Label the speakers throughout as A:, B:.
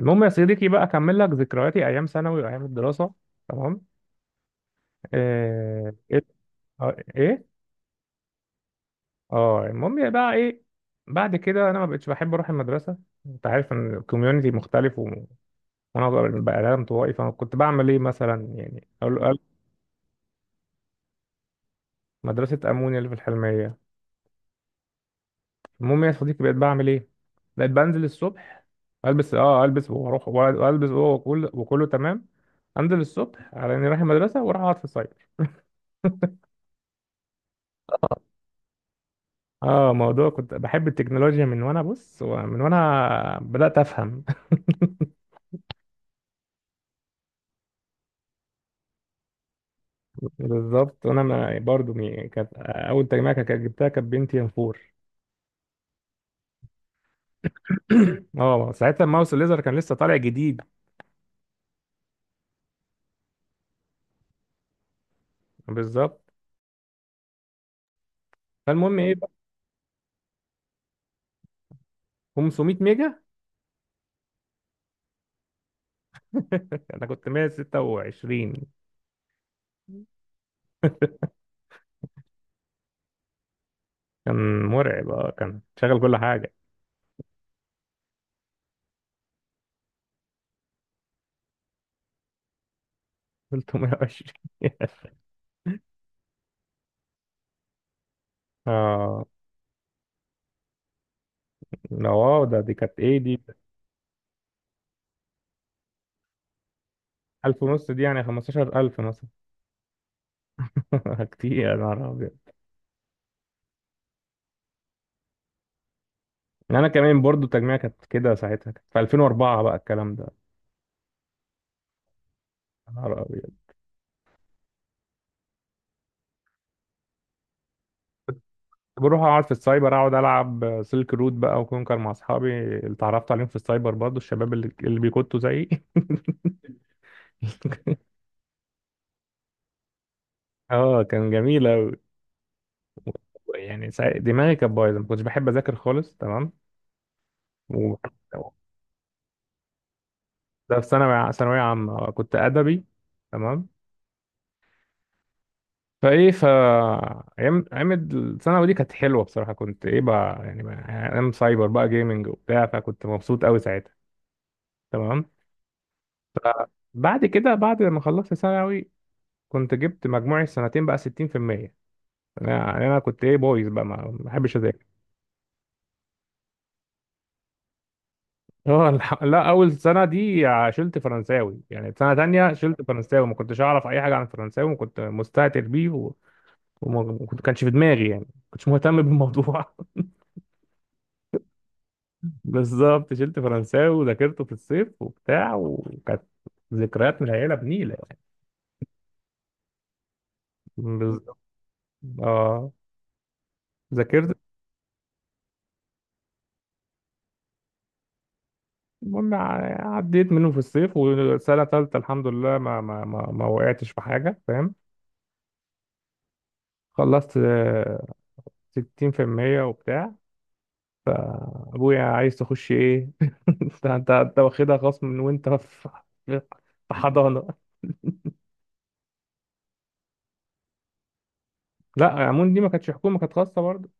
A: المهم يا صديقي بقى اكمل لك ذكرياتي ايام ثانوي وايام الدراسه. تمام. ايه. ايه. اه المهم بقى ايه؟ بعد كده انا ما بقتش بحب اروح المدرسه. انت عارف ان الكوميونتي مختلف و- وانا بقى انا انطوائي، فانا كنت بعمل ايه مثلا؟ يعني أقول مدرسه امونيا اللي في الحلميه. المهم يا صديقي، بقيت بعمل ايه؟ بقيت بنزل الصبح، البس اه البس واروح، والبس وكله وكله تمام. انزل الصبح على اني رايح المدرسه واروح اقعد في الصيف. اه موضوع كنت بحب التكنولوجيا من وانا بص، من وانا بدأت افهم. بالظبط، وانا ما برضو مي- كانت اول تجميع كانت جبتها كانت بنتي ام 4. اه ساعتها الماوس الليزر كان لسه طالع جديد. بالظبط. فالمهم ايه بقى؟ 500 ميجا. انا كنت 126. كان مرعب، اه كان شغل كل حاجه. 320. اه لا، واو ده، دي كانت ايه دي؟ 1000 ونص دي يعني 15000 مثلا. كتير يا نهار. يعني انا كمان برضو التجميع كانت كده، ساعتها كانت في 2004 بقى الكلام ده. يا نهار أبيض. بروح اقعد في السايبر، اقعد العب سلك رود بقى وكونكر مع اصحابي اللي اتعرفت عليهم في السايبر، برضو الشباب اللي بيكتوا زيي. اه كان جميل أوي. يعني سا- دماغي كانت بايظه، ما كنتش بحب اذاكر خالص. تمام. و... ده في ثانوي، ثانويه عامه كنت ادبي. تمام. فايه ف ايام ايام الثانوي دي كانت حلوه بصراحه، كنت ايه بقى؟ يعني بقى- ايام سايبر بقى، جيمنج وبتاع، فكنت مبسوط قوي ساعتها. تمام. فبعد كده، بعد ما خلصت ثانوي، كنت جبت مجموعي السنتين بقى 60%. انا يعني انا كنت ايه بويز بقى، ما بحبش اذاكر. اه الح- لا اول سنه دي شلت فرنساوي، يعني سنه تانية شلت فرنساوي. ما كنتش اعرف اي حاجه عن الفرنساوي وكنت مستهتر بيه و- وما كنت- كانش في دماغي، يعني ما كنتش مهتم بالموضوع. بالظبط شلت فرنساوي وذاكرته في الصيف وبتاع، وكانت ذكريات من العيله بنيله يعني. بالظبط. اه ذاكرت. المهم ع- عديت منه في الصيف، وسنه ثالثه الحمد لله ما وقعتش في حاجه، فاهم؟ خلصت 60% وبتاع. ابويا عايز تخش ايه؟ انت واخدها خصم من وانت في في حضانه. لا عمون دي ما كانتش حكومه، كانت خاصه برضه.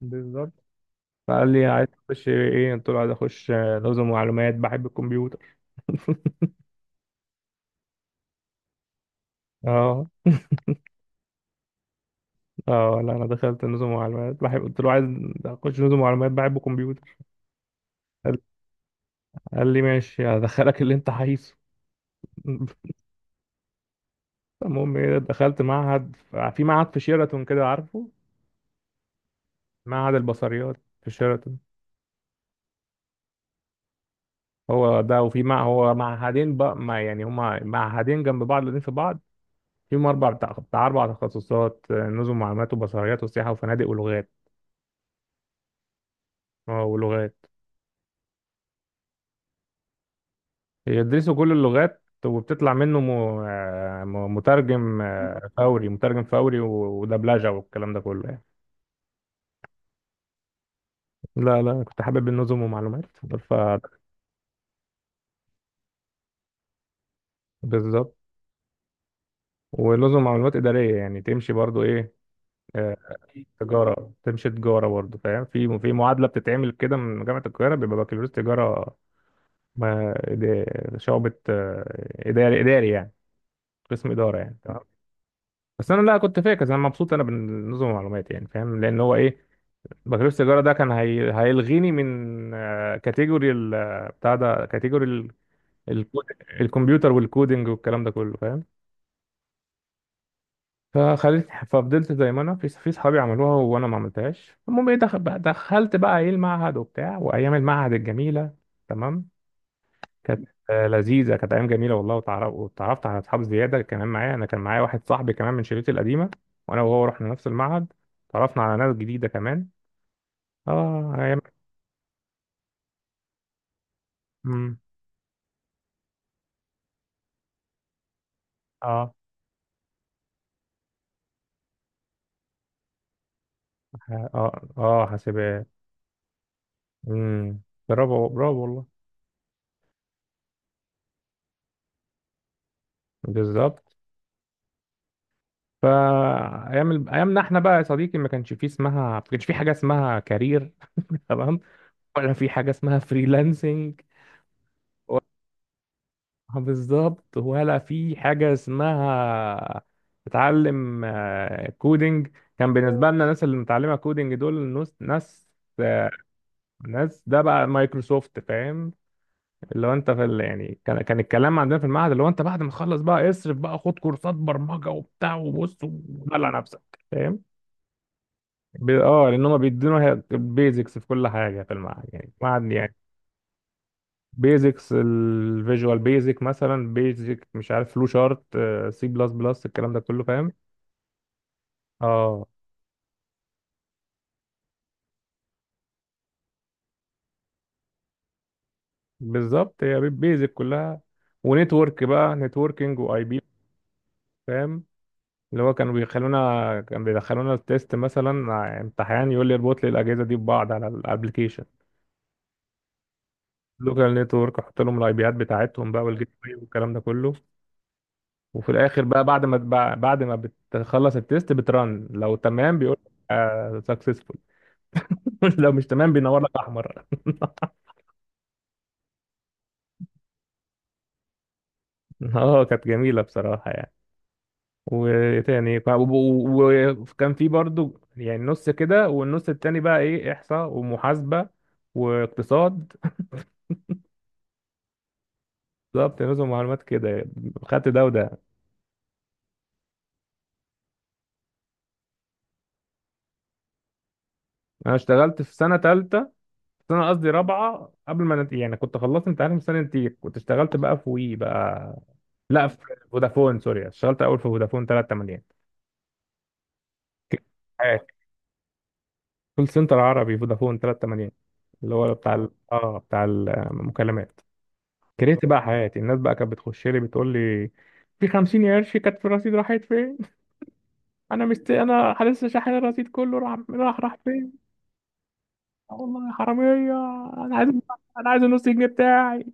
A: بالظبط. فقال لي عايز تخش ايه؟ قلت له عايز اخش نظم ومعلومات، بحب الكمبيوتر. اه اه لا انا دخلت نظم ومعلومات بحب، قلت له عايز اخش نظم ومعلومات بحب الكمبيوتر. قال قال لي ماشي، هدخلك اللي انت عايزه. المهم ايه، دخلت معهد، في معهد في شيراتون كده عارفه. معهد البصريات في شيراتون. هو ده. وفي مع هو معهدين بقى، ما يعني هما معهدين جنب بعض الاثنين في بعض. فيهم اربع بتاع بتاع اربع تخصصات: نظم معلومات، وبصريات، وسياحه وفنادق، ولغات. اه ولغات. يدرسوا كل اللغات وبتطلع منه م- م- مترجم فوري، مترجم فوري و- ودبلجة، والكلام ده كله يعني. لا لا كنت حابب النظم ومعلومات. ف بالظبط. ونظم معلومات إدارية يعني تمشي برضو إيه، آه، تجارة. تمشي تجارة برضو فاهم. في في معادلة بتتعمل كده من جامعة القاهرة، بيبقى بكالوريوس تجارة. ما إد- شعبة إداري، إداري يعني، قسم إدارة يعني. تمام. بس أنا لا كنت فاكر أنا مبسوط أنا بالنظم والمعلومات يعني، فاهم؟ لأن هو إيه، بكالوريوس التجارة ده كان هي... هيلغيني من كاتيجوري ال... بتاع ده، كاتيجوري ال... الكود... الكمبيوتر والكودينج والكلام ده كله، فاهم. فخليت ففضلت زي ما انا، في في صحابي عملوها وانا ما عملتهاش. المهم ايه، دخل... بقى- دخلت بقى ايه المعهد وبتاع، وايام المعهد الجميلة. تمام. كانت لذيذة، كانت ايام جميلة والله. وتعرف... وتعرفت على اصحاب زيادة كمان معايا، انا كان معايا واحد صاحبي كمان من شريطي القديمة، وانا وهو رحنا نفس المعهد. تعرفنا على ناس جديدة كمان. اه ايام. مم. اه اه حاسبات. امم برافو برافو والله. بالظبط. فايام ال- ايامنا احنا بقى يا صديقي ما كانش فيه اسمها، ما كانش فيه حاجه اسمها كارير. تمام. ولا في حاجه اسمها فريلانسنج. ولا- بالظبط، ولا في حاجه اسمها تتعلم كودينج. كان بالنسبه لنا الناس اللي متعلمه كودينج دول ناس آه، ناس ده بقى مايكروسوفت فاهم. اللي هو انت في ال... يعني كان الكلام عندنا في المعهد اللي هو انت بعد ما تخلص بقى اصرف بقى، خد كورسات برمجه وبتاع، وبص ودلع نفسك، فاهم. ب... اه لان هم بيدونا البيزكس في كل حاجه في المعهد، يعني المعهد يعني بيزكس، الفيجوال بيزك مثلا، بيزك مش عارف، فلو شارت، سي بلس بلس، الكلام ده كله فاهم. اه بالظبط هي بيزك كلها. ونتورك بقى، نتوركينج، واي بي، فاهم؟ اللي هو كانوا بيخلونا، كان بيدخلونا التيست مثلا مع امتحان يقول لي اربط لي الاجهزه دي ببعض على الابلكيشن، لوكال نتورك، احط لهم الاي بيات بتاعتهم بقى والجيت واي والكلام ده كله. وفي الاخر بقى، بعد ما بع- بعد ما بتخلص التيست بترن لو تمام بيقول لك سكسسفول. لو مش تمام بينور لك احمر. اه كانت جميله بصراحه يعني. وتاني ف- وب- و- وكان في برضو يعني نص كده، والنص التاني بقى ايه، احصاء ومحاسبه واقتصاد. بالظبط، نظم معلومات كده، خدت ده وده. انا اشتغلت في سنه ثالثه، سنه قصدي رابعه، قبل ما نت... يعني كنت خلصت امتحان في سنه نتيجة، كنت اشتغلت بقى في وي بقى، لا في فودافون سوري. اشتغلت اول في فودافون 380، كول سنتر عربي، فودافون 380، اللي هو بتاع ال... اه بتاع المكالمات. كرهت بقى حياتي، الناس بقى كانت بتخش لي بتقول لي في 50 قرش كانت في الرصيد راحت فين. انا مست، انا لسه شاحن الرصيد كله راح راح راح. والله يا حراميه. انا عايز انا عايز النص جنيه بتاعي.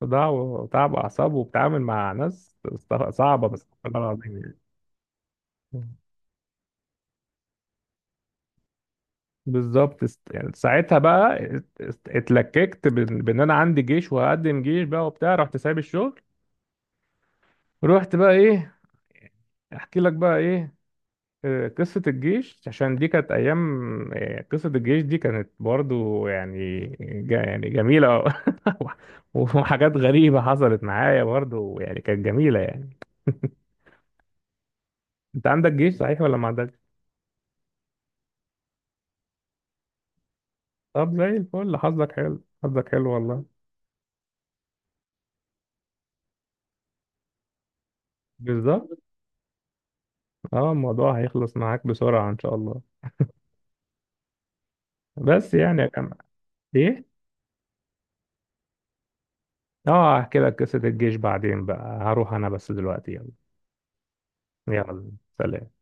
A: صداع وتعب اعصاب، وبتعامل مع ناس است- صعبه، بس والله العظيم يعني. بالظبط است- يعني ساعتها بقى اتلككت بان بإن انا عندي جيش وهقدم جيش بقى وبتاع، رحت سايب الشغل. رحت بقى ايه، احكي لك بقى ايه، قصة الجيش، عشان دي كانت أيام. قصة الجيش دي كانت برضو يعني ج- يعني جميلة. وحاجات غريبة حصلت معايا برضو، يعني كانت جميلة يعني. أنت عندك جيش صحيح ولا ما عندكش؟ طب زي الفل، حظك حلو والله. بالظبط. اه الموضوع هيخلص معاك بسرعة إن شاء الله. بس يعني يا جماعة، إيه؟ اه هحكي لك قصة الجيش بعدين بقى، هروح أنا بس دلوقتي، يلا. يلا، سلام.